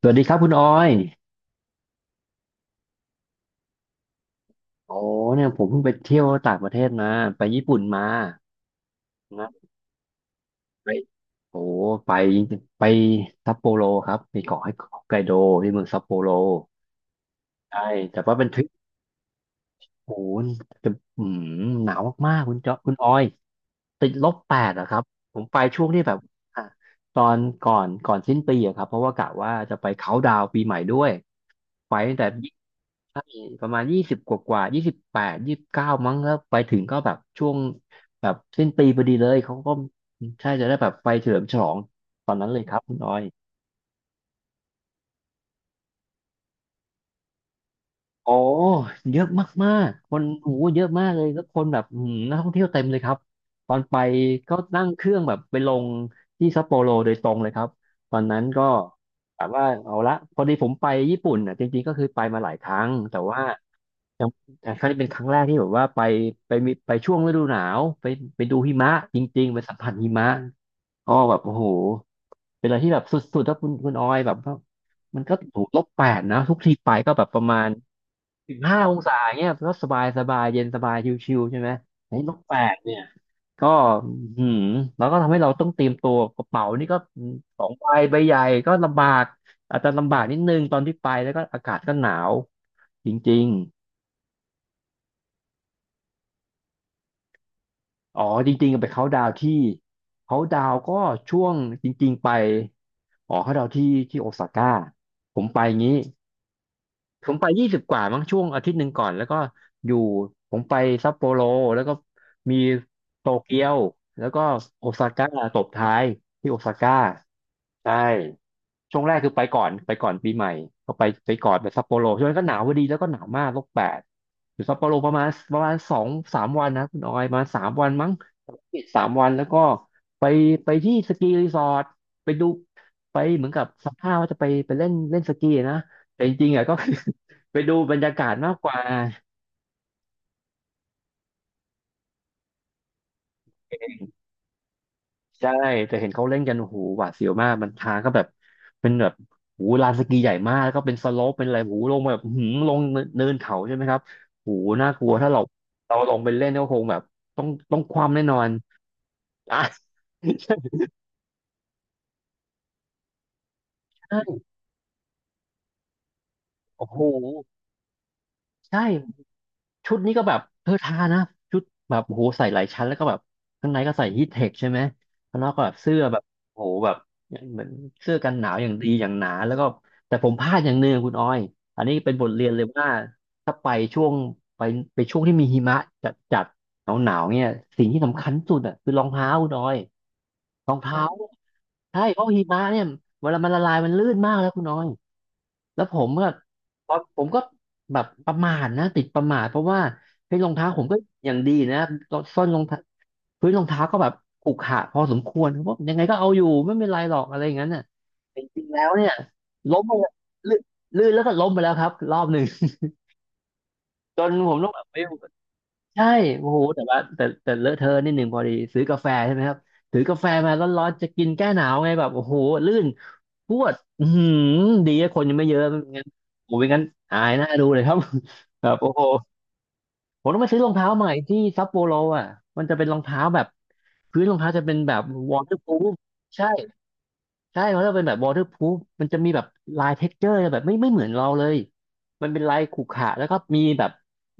สวัสดีครับคุณออยโอ้เนี่ยผมเพิ่งไปเที่ยวต่างประเทศมาไปญี่ปุ่นมานะไปโอ้ไปไปซัปโปโรครับไปเกาะไฮไกโดที่เมืองซัปโปโรใช่แต่ว่าเป็นทริป โอ้โหจะอืมหนาวมากๆคุณจ๊อบคุณออยติดลบแปดอะครับผมไปช่วงที่แบบอ่ะตอนก่อนสิ้นปีอะครับเพราะว่ากะว่าจะไปเขาน์ดาวน์ปีใหม่ด้วยไปตั้งแต่ยี่ใช่ประมาณยี่สิบกว่า2829มั้งแล้วไปถึงก็แบบช่วงแบบสิ้นปีพอดีเลยเขาก็ใช่จะได้แบบไปเฉลิมฉลองตอนนั้นเลยครับคุณออย อ๋อเยอะมากๆคนโอ้โหเยอะมากเลยแล้วคนแบบนักท่องเที่ยวเต็มเลยครับตอนไปก็นั่งเครื่องแบบไปลงที่ซัปโปโรโดยตรงเลยครับตอนนั้นก็แบบว่าเอาละพอดีผมไปญี่ปุ่นอ่ะจริงๆก็คือไปมาหลายครั้งแต่ว่ายังแต่ครั้งนี้เป็นครั้งแรกที่แบบว่าไปช่วงฤดูหนาวไปดูหิมะจริงๆไปสัมผัสหิมะอ๋อแบบโอ้โหเป็นอะไรที่แบบสุดๆถ้าคุณออยแบบว่ามันก็ถูกลบแปดนะทุกทีไปก็แบบประมาณ 15 องศาเนี่ยก็สบายสบายเย็นสบายชิวๆใช่ไหมไอ้นกแปลกเนี่ยก็หืมแล้วก็ทำให้เราต้องเตรียมตัวกระเป๋านี่ก็สองใบใบใหญ่ก็ลำบากอาจจะลำบากนิดนึงตอนที่ไปแล้วก็อากาศก็หนาวจริงๆอ๋อจริงๆไปเขาน์ดาวน์ที่เขาน์ดาวน์ก็ช่วงจริงๆไปอ๋อเขาน์ดาวน์ที่ที่โอซาก้าผมไปงี้ ผมไป20กว่ามั้งช่วงอาทิตย์หนึ่งก่อนแล้วก็อยู่ผมไปซัปโปโรแล้วก็มีโตเกียวแล้วก็โอซาก้าตบท้ายที่โอซาก้าใช่ช่วงแรกคือไปก่อนปีใหม่ก็ไปไปก่อนไปซัปโปโรช่วงนั้นก็หนาวพอดีแล้วก็หนาวมากลบแปดอยู่ซัปโปโรประมาณสองสามวันนะคุณออยประมาณสามวันมั้งสามวันแล้วก็ไปไปที่สกีรีสอร์ทไปดูไปเหมือนกับสมภาพว่าจะไปไปเล่นเล่นสกีนะแต่จริงๆอ่ะก็คือ ไปดูบรรยากาศมากกว่าใช่แต่เห็นเขาเล่นกันโอ้โหหวาดเสียวมากมันทางก็แบบเป็นแบบโอ้โหลานสกีใหญ่มากแล้วก็เป็นสโลปเป็นอะไรโอ้โหลงแบบอื้อหืมลงเนินเขาใช่ไหมครับโอ้โหน่ากลัวถ้าเราลงไปเล่นก็คงแบบต้องคว่ำแน่นอน อ่ะ ใช่โอ้โหใช่ ชุดนี้ก็แบบเธอทานะชุดแบบโอ้โหใส่หลายชั้นแล้วก็แบบข้างในก็ใส่ฮีทเทคใช่ไหมข้างนอกก็แบบเสื้อแบบโอ้โหแบบเหมือนเสื้อกันหนาวอย่างดีอย่างหนาแล้วก็แต่ผมพลาดอย่างหนึ่งคุณออยอันนี้เป็นบทเรียนเลยว่าถ้าช่วงไปไปช่วงที่มีหิมะจัดจัดหนาวหนาวๆเนี่ยสิ่งที่สำคัญสุดอ่ะคือรองเท้าคุณออยรองเท้าใช่เพราะหิมะเนี่ยเวลามันละลายมันลื่นมากแล้วคุณออย แล้วผมก็ตอนผมก็แบบประมาทนะติดประมาทเพราะว่าเฮ้ยรองเท้าผมก็อย่างดีนะส้นรองเท้าพื้นรองเท้าก็แบบขรุขระพอสมควรเพราะยังไงก็เอาอยู่ไม่เป็นไรหรอกอะไรอย่างนั้นน่ะแต่จริงๆแล้วเนี่ยล้มไปเลยลื่นลื่นแล้วก็ล้มไปแล้วครับรอบหนึ่ง จนผมต้องแบบไป ใช่โอ้โหแต่ว่าแต่แต่เลอะเทอะนิดหนึ่งพอดี ซื้อกาแฟใช่ไหมครับถือกาแฟมาร้อนๆจะกินแก้หนาวไงแบบโอ้โหลื่นพรวดอือหือดีอะคนยังไม่เยอะไม่งั้นโอ้ยงั้นอายหน้าดูเลยครับ แบบโอ้โหผมต้องไปซื้อรองเท้าใหม่ที่ซัปโปโรอ่ะมันจะเป็นรองเท้าแบบพื้นรองเท้าจะเป็นแบบวอเตอร์พ o ูฟใช่ ใช่เขาจะเป็นแบบ waterproof มันจะมีแบบลาย texture แบบไม่เหมือนเราเลยมันเป็นลายขรุขระแล้วก็มีแบบ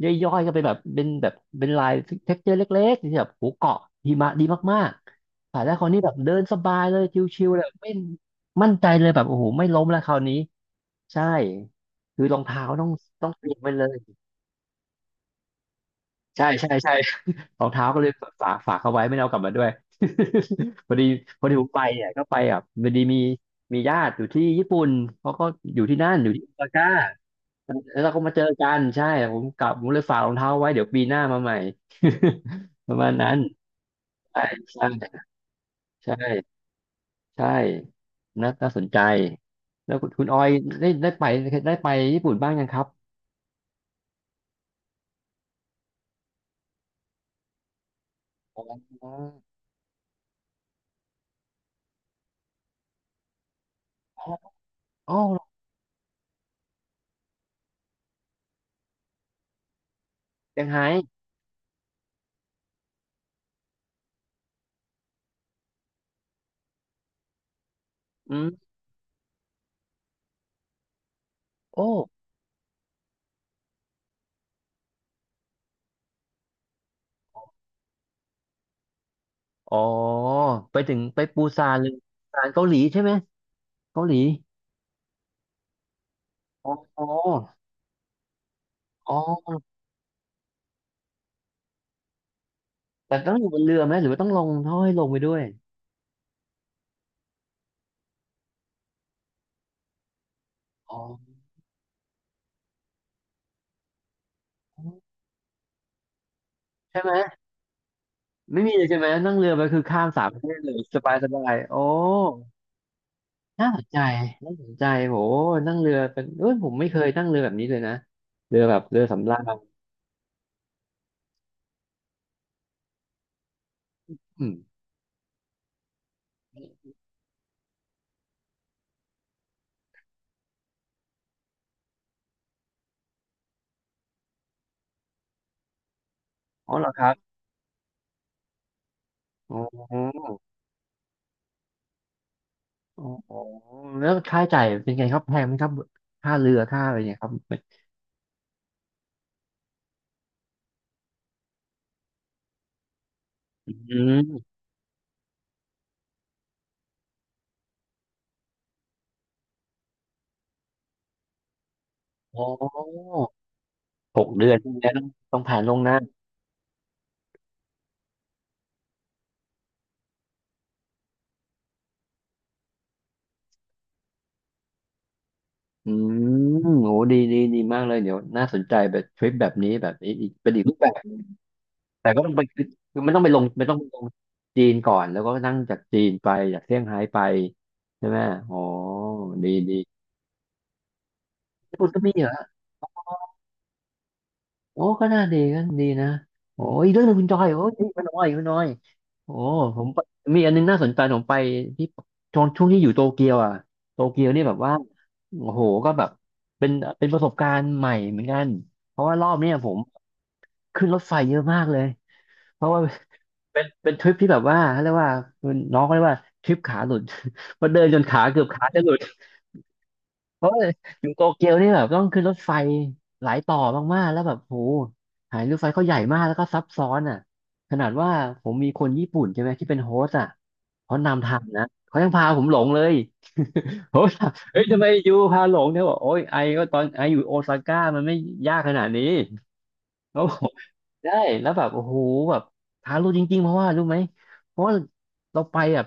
ย่อยๆก็เป็นลาย texture เล็กๆที่แบบหูเกาะหิมะดีมากๆใส่ายแล้วคราวนี้แบบเดินสบายเลยชิวๆเลยไม่มั่นใจเลยแบบโอ้โหไม่ล้มแล้วคราวนี้ใช่คือรองเท้าต้องเตรียมไว้เลยใช่ใช่ใช่ รองเท้าก็เลยฝากเขาไว้ไม่ได้เอากลับมาด้วย พอดีพอดีผมไปเนี่ยก็ไปอ่ะพอดีมีญาติอยู่ที่ญี่ปุ่นเขาก็อยู่ที่นั่นอยู่ที่โอซาก้าแล้วเราก็มาเจอกันใช่ผมกลับผมเลยฝากรองเท้าไว้เดี๋ยวปีหน้ามาใหม่ ประมาณนั้นใช่ใช่ใช่ใช่นะาน่าสนใจแล้วคุณคุณออยได้ไปได้ไปญี่ปุ่นบ้างยังครับอ๋ออ๋อเซี่ยงไฮ้อืมโอ้ อ๋อไปถึงไปปูซานเลยปูซานเกาหลีใช่ไหมเกาหลีอ๋ออ๋ออ๋อแต่ต้องอยู่บนเรือไหมหรือว่าต้องลงเขาให้ลงไปด้วยอ๋อใช่ไหมไม่มีเลยใช่ไหมนั่งเรือไปคือข้ามสามประเทศเลยสบายสบายโอ้น่าสนใจน่าสนใจโหนั่งเรือเป็นเอ้ยผมไม่เคยนั่งเรือแบบนี้เลยนะเรือแบบเรือสำราญอืมอ๋อเหรอครับอ๋ออ๋อแล้วค่าใช้จ่ายเป็นไงครับแพงไหมครับค่าเรือค่าอะไรเนี่ยครับอืม อ๋อหกเดือนพวกเนี้ยต้องผ่านล่วงหน้าอืมโหดีดีดีมากเลยเดี๋ยวน่าสนใจแบบทริปแบบนี้แบบนี้อีกเป็นอีกรูปแบบแต่ก็ต้องไปคือคือไม่ต้องไปลงไม่ต้องไปลงจีนก่อนแล้วก็นั่งจากจีนไปจากเซี่ยงไฮ้ไปใช่ไหมอ๋อดีดีญี่ปุ่นก็มีเหรอ โอ้ก็น่าดีก็ดีนะโอ้อีกเรื่องหนึ่งคุณจอยโอ้ยอีกไมุณน้อยคุ่น้อยโอ้ผมไปมีอันนึงน่าสนใจผมไปที่ช่วงที่อยู่โตเกียวอ่ะโตเกียวนี่แบบว่าโอ้โหก็แบบเป็นเป็นประสบการณ์ใหม่เหมือนกันเพราะว่ารอบเนี้ยผมขึ้นรถไฟเยอะมากเลยเพราะว่าเป็นทริปที่แบบว่าเขาเรียกว่าน้องเขาเรียกว่าทริปขาหลุด เพราะเดินจนขาเกือบขาจะหลุด เพราะว่าอยู่โตเกียวนี่แบบต้องขึ้นรถไฟหลายต่อมากๆแล้วแบบโหหายรถไฟเขาใหญ่มากแล้วก็ซับซ้อนอ่ะขนาดว่าผมมีคนญี่ปุ่นใช่ไหมที่เป็นโฮสต์อ่ะเขานำทางนะเขายังพาผมหลงเลย ผมถามเฮ้ยทำไมอยู่พาหลงเนี่ยบอกโอ้ยไอก็ตอนไออยู่โอซาก้ามันไม่ยากขนาดนี้ เขาบอก ได้แล้วแบบโอ้โหแบบท้ารู้จริงๆเพราะว่ารู้ไหมเพราะว่าเราไปแบบ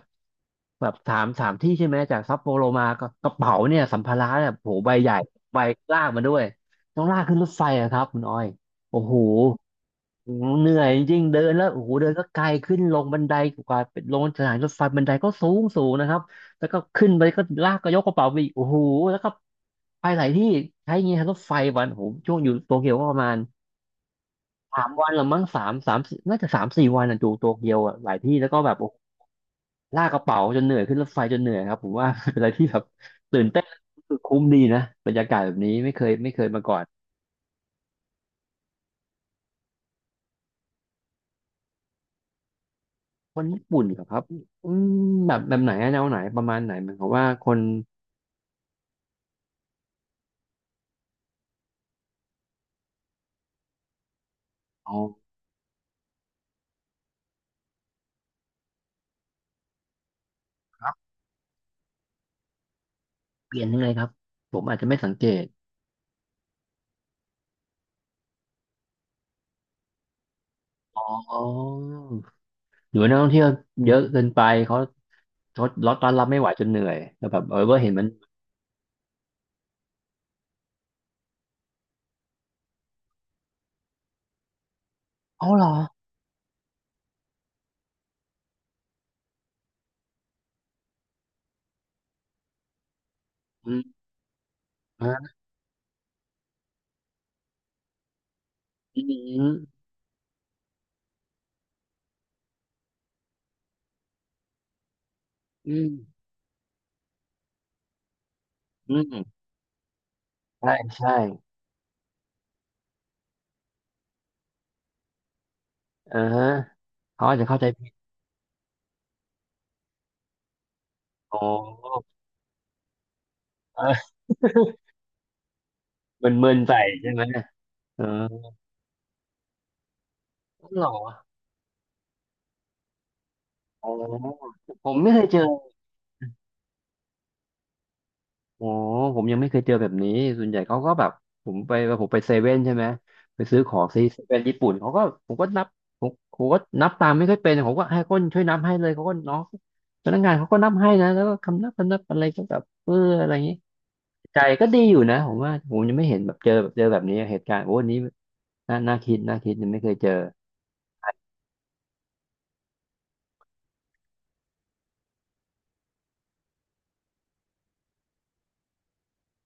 แบบสามที่ใช่ไหมจากซัปโปโรมาก็กระเป๋าเนี่ยสัมภาระแบบโหใบใหญ่ใบลากมาด้วยต้องลากขึ้นรถไฟอะครับคุณอ้อยโอ้โหเหนื่อยจริงๆเดินแล้วโอ้โหเดินก็ไกลขึ้นลงบันไดกว่าเป็นลงสถานีรถไฟบันไดก็สูงสูงนะครับแล้วก็ขึ้นไปก็ลากก็ยกกระเป๋าไปอีกโอ้โหแล้วก็ไปหลายที่ใช้เงี้ยรถไฟวันโอ้โหช่วงอยู่โตเกียวก็ประมาณ สามวันละมั้งสามน่าจะสามสี่วันอ่ะอยู่โตเกียวอ่ะหลายที่แล้วก็แบบโอ้โหลากกระเป๋าจนเหนื่อยขึ้นรถไฟจนเหนื่อยครับผมว่า เป็นอะไรที่แบบตื่นเต้นรู้สึกคุ้มดีนะบรรยากาศแบบนี้ไม่เคยไม่เคยมาก่อนคนญี่ปุ่นเหรอครับอืมแบบแบบไหนอะแนวไหนประมาณไหนหมายความว่าคนอ๋อครับเปลี่ยนยังไงครับผมอาจจะไม่สังเกตอ๋อหรือว่านักท่องเที่ยวเยอะเกินไปเขาเขาล็อตต้อนรับไม่ไหวจนเหนื่อยแล้วแบบเออเห็นมันอ๋อเหรออืมอืมอืมอืม ใช่ใช่เออฮะเขาอาจจะเข้าใจผิดโอ้เออ มึนๆใส่ใช่ไหมเออหรออ๋อผมไม่เคยเจอโอ้ผมยังไม่เคยเจอแบบนี้ส่วนใหญ่เขาก็แบบผมไปผมไปเซเว่นใช่ไหมไปซื้อของซีเซเว่นญี่ปุ่นเขาก็ผมก็นับผมก็นับตามไม่ค่อยเป็นผมก็ให้คนช่วยนับให้เลยเขาก็น้องพนักงานเขาก็นับให้นะแล้วก็คำนับคำนับอะไรก็แบบเอออะไรอย่างนี้ ใจก็ดีอยู่นะผมว่าผมยังไม่เห็นแบบเจอแบบเจอแบบนี้เหตุการณ์โอ้อันนี้น่าน่าคิดน่าคิดยังไม่เคยเจอ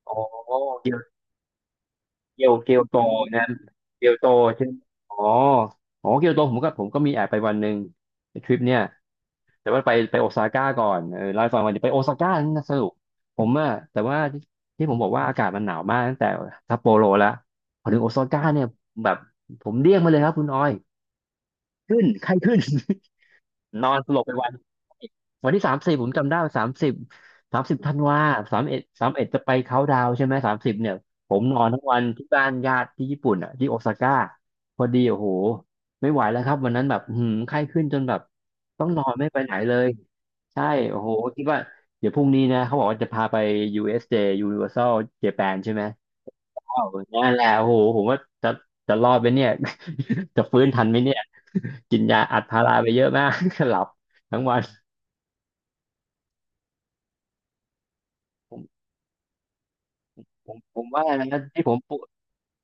โอ้เกียวโตนะเกียวโตใช่ไหมอ๋ออ๋อเกียวโตผมก็มีแอบไปวันหนึ่งในทริปเนี่ยแต่ว่าไปไปโอซาก้าก่อนเออไล่าให้ฟังวันนี้ไปโอซาก้านี่นะสรุปผมอะแต่ว่าที่ที่ผมบอกว่าอากาศมันหนาวมากตั้งแต่ซัปโปโรแล้วพอถึงโอซาก้าเนี่ยแบบผมเรียกมาเลยครับคุณออยขึ้นไข้ขึ้น นอนสลบไปวันที่สามสิบผมจำได้สามสิบสามสิบธันวาสามเอ็ดจะไปเขาน์ดาวน์ใช่ไหมสามสิบเนี่ยผมนอนทั้งวันที่บ้านญาติที่ญี่ปุ่นอ่ะที่โอซาก้าพอดีโอ้โหไม่ไหวแล้วครับวันนั้นแบบหืมไข้ขึ้นจนแบบต้องนอนไม่ไปไหนเลยใช่โอ้โหคิดว่าเดี๋ยวพรุ่งนี้นะเขาบอกว่าจะพาไป USJ Universal Japan ใช่ไหมอ้าวนั่นแหละโอ้โหผมว่าจะจะรอดไหมเนี่ย จะฟื้นทันไหมเนี่ย กินยาอัดพาราไปเยอะมาก หลับทั้งวันผมผมว่านะที่ผมปวย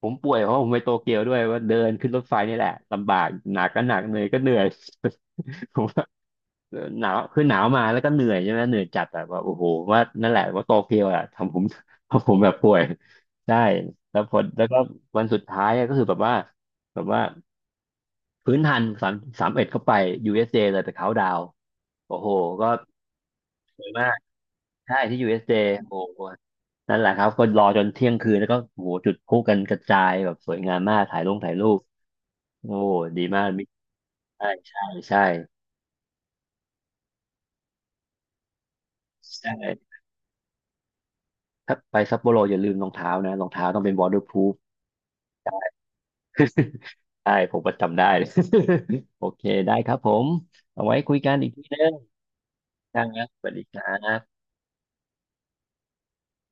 ผมป่วยเพราะผมไปโตเกียวด้วยว่าเดินขึ้นรถไฟนี่แหละลำบากหนักก็หนักเหนื่อยก็เหนื่อย ผมว่าหนาวคือหนาวมาแล้วก็เหนื่อยใช่ไหมเหนื่อยจัดแบบว่าโอ้โหว่านั่นแหละว่าโตเกียวอะทำผม ทำผมแบบป่วยใช่แล้วพอแล้วก็วันสุดท้ายอะก็คือแบบว่าพื้นทันสามเอ็ดเข้าไป USJ เอสเจเลยไปเขาน์ดาวน์โอ้โหก็สวยมากใช่ที่ USJ โอ้โห นั่นแหละครับคนรอจนเที่ยงคืนแล้วก็โอ้โหจุดพลุกันกระจายแบบสวยงามมากถ่ายลงถ่ายรูปโอ้ดีมากมิใช่ใช่ใช่ใช่ถ้าไปซัปโปโรอย่าลืมรองเท้านะรองเท้าต้องเป็น waterproof ใช่ผมประจำได้ โอเคได้ครับผมเอาไว้คุยกันอีกทีนึงนะครับสวัสดีครับ